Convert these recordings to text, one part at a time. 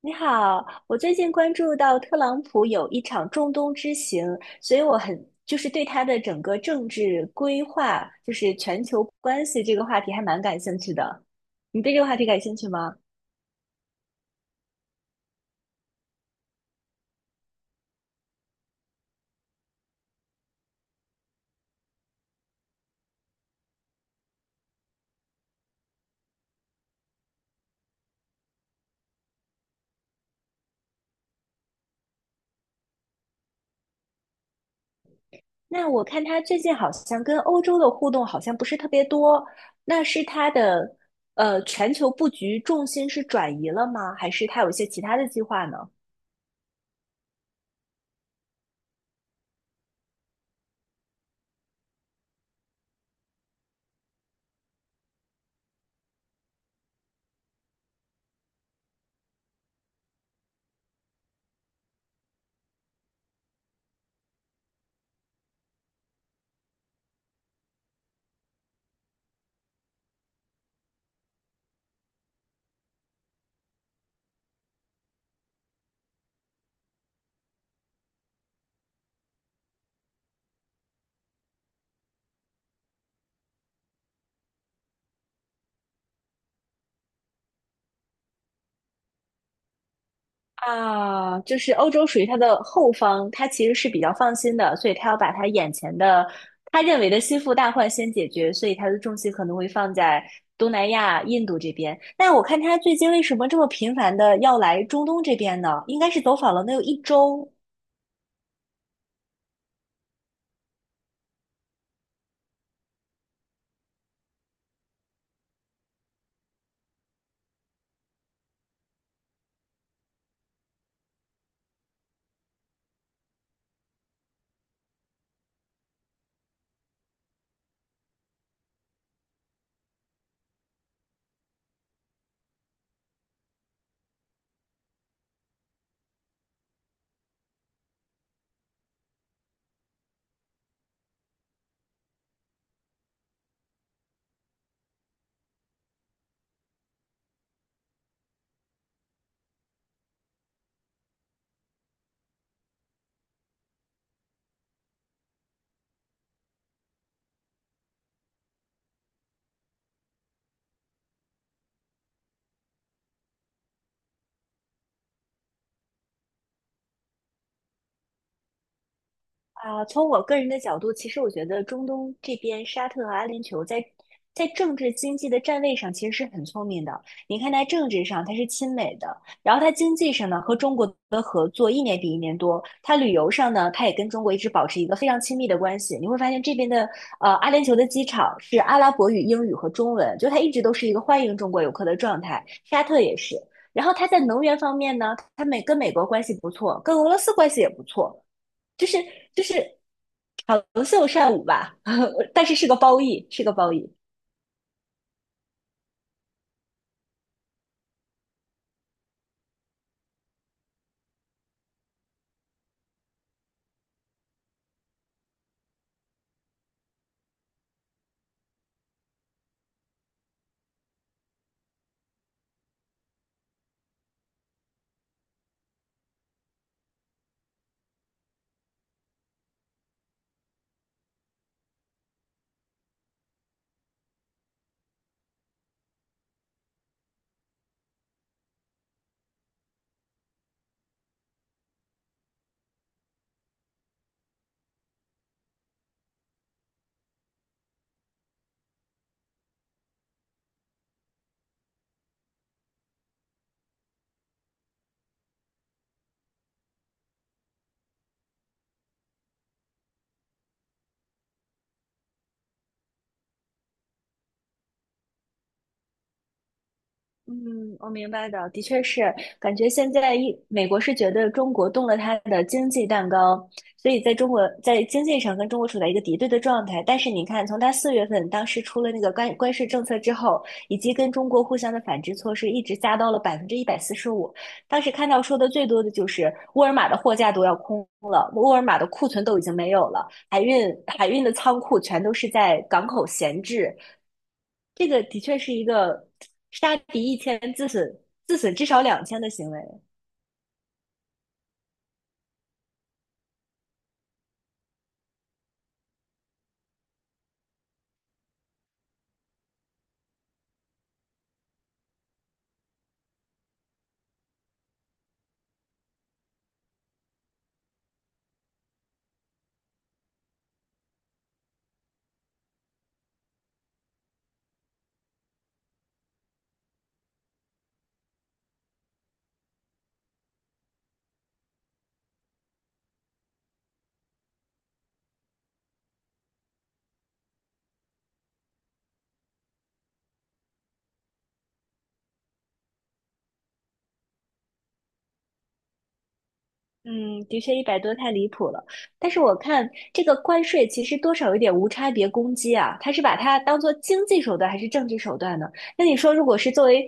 你好，我最近关注到特朗普有一场中东之行，所以我很对他的整个政治规划，就是全球关系这个话题还蛮感兴趣的。你对这个话题感兴趣吗？那我看他最近好像跟欧洲的互动好像不是特别多，那是他的全球布局重心是转移了吗？还是他有一些其他的计划呢？啊，就是欧洲属于他的后方，他其实是比较放心的，所以他要把他眼前的他认为的心腹大患先解决，所以他的重心可能会放在东南亚、印度这边。但我看他最近为什么这么频繁的要来中东这边呢？应该是走访了能有一周。啊，从我个人的角度，其实我觉得中东这边沙特和阿联酋在政治经济的站位上其实是很聪明的。你看，它政治上它是亲美的，然后它经济上呢和中国的合作一年比一年多，它旅游上呢它也跟中国一直保持一个非常亲密的关系。你会发现这边的阿联酋的机场是阿拉伯语、英语和中文，就它一直都是一个欢迎中国游客的状态。沙特也是，然后它在能源方面呢，它跟美国关系不错，跟俄罗斯关系也不错。就是就是好龙秀善舞吧，但是是个褒义，是个褒义。嗯，我明白的，的确是，感觉现在美国是觉得中国动了它的经济蛋糕，所以在中国在经济上跟中国处在一个敌对的状态。但是你看，从它四月份当时出了那个关税政策之后，以及跟中国互相的反制措施，一直加到了百分之一百四十五。当时看到说的最多的就是沃尔玛的货架都要空了，沃尔玛的库存都已经没有了，海运的仓库全都是在港口闲置，这个的确是一个杀敌一千自损至少两千的行为。嗯，的确一百多太离谱了。但是我看这个关税其实多少有点无差别攻击啊，他是把它当做经济手段还是政治手段呢？那你说，如果是作为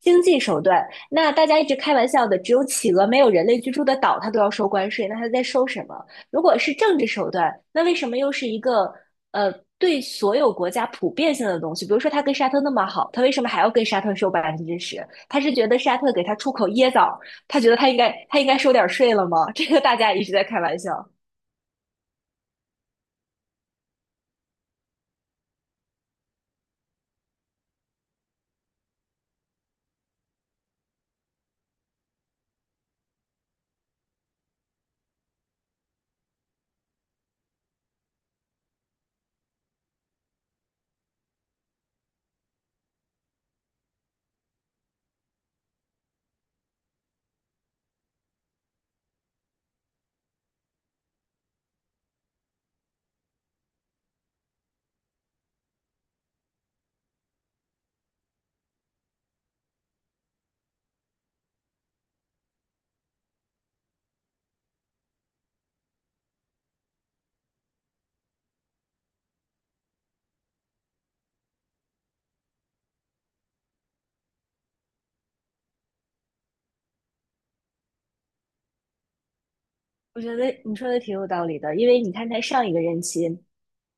经济手段，那大家一直开玩笑的，只有企鹅没有人类居住的岛，它都要收关税，那它在收什么？如果是政治手段，那为什么又是一个呃对所有国家普遍性的东西？比如说，它跟沙特那么好，它为什么还要跟沙特收百分之十？他是觉得沙特给他出口椰枣他觉得他应该收点税了吗？这个大家一直在开玩笑。我觉得你说的挺有道理的，因为你看他上一个任期，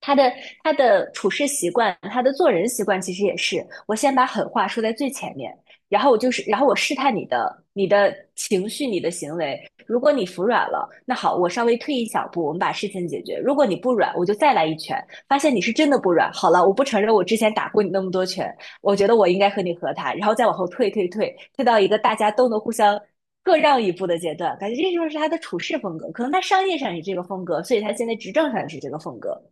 他的他的处事习惯，他的做人习惯，其实也是，我先把狠话说在最前面，然后我就是，然后我试探你的情绪、你的行为。如果你服软了，那好，我稍微退一小步，我们把事情解决。如果你不软，我就再来一拳，发现你是真的不软。好了，我不承认我之前打过你那么多拳，我觉得我应该和你和谈，然后再往后退，退到一个大家都能互相。各让一步的阶段，感觉这就是他的处事风格，可能他商业上也是这个风格，所以他现在执政上也是这个风格。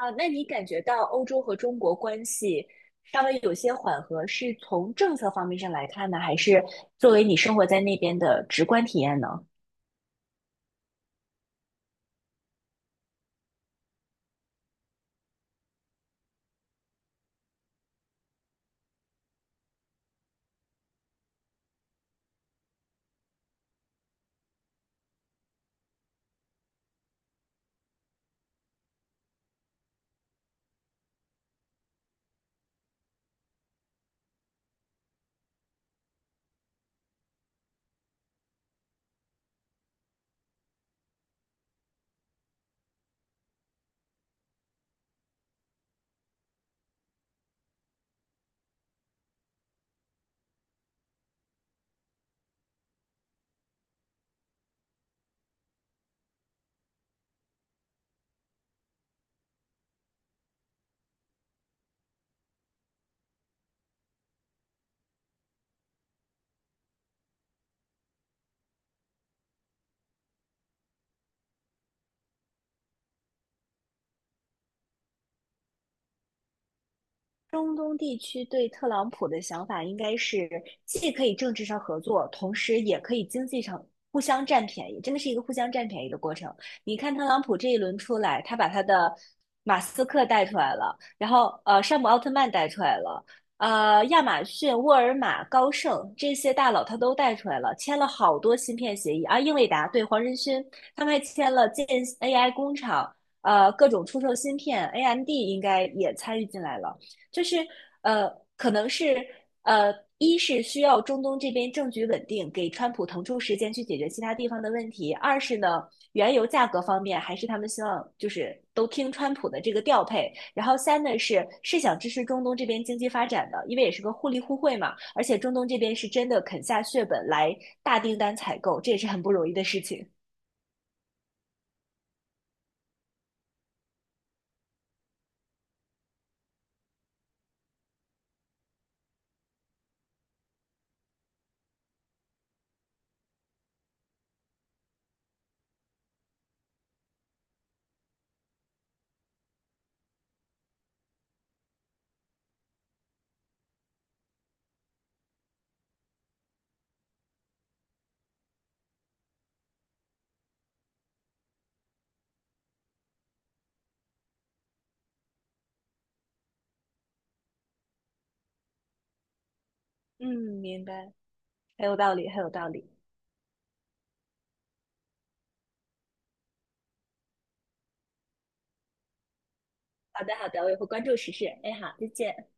啊，那你感觉到欧洲和中国关系稍微有些缓和，是从政策方面上来看呢，还是作为你生活在那边的直观体验呢？中东地区对特朗普的想法应该是，既可以政治上合作，同时也可以经济上互相占便宜，真的是一个互相占便宜的过程。你看特朗普这一轮出来，他把他的马斯克带出来了，然后山姆奥特曼带出来了，亚马逊、沃尔玛、高盛这些大佬他都带出来了，签了好多芯片协议啊，英伟达对黄仁勋，他们还签了建 AI 工厂，各种出售芯片，AMD 应该也参与进来了。就是呃，可能是呃，一是需要中东这边政局稳定，给川普腾出时间去解决其他地方的问题；二是呢，原油价格方面还是他们希望就是都听川普的这个调配；然后三呢是想支持中东这边经济发展的，因为也是个互利互惠嘛，而且中东这边是真的肯下血本来大订单采购，这也是很不容易的事情。嗯，明白，很有道理，很有道理。好的，好的，我也会关注时事。哎，好，再见。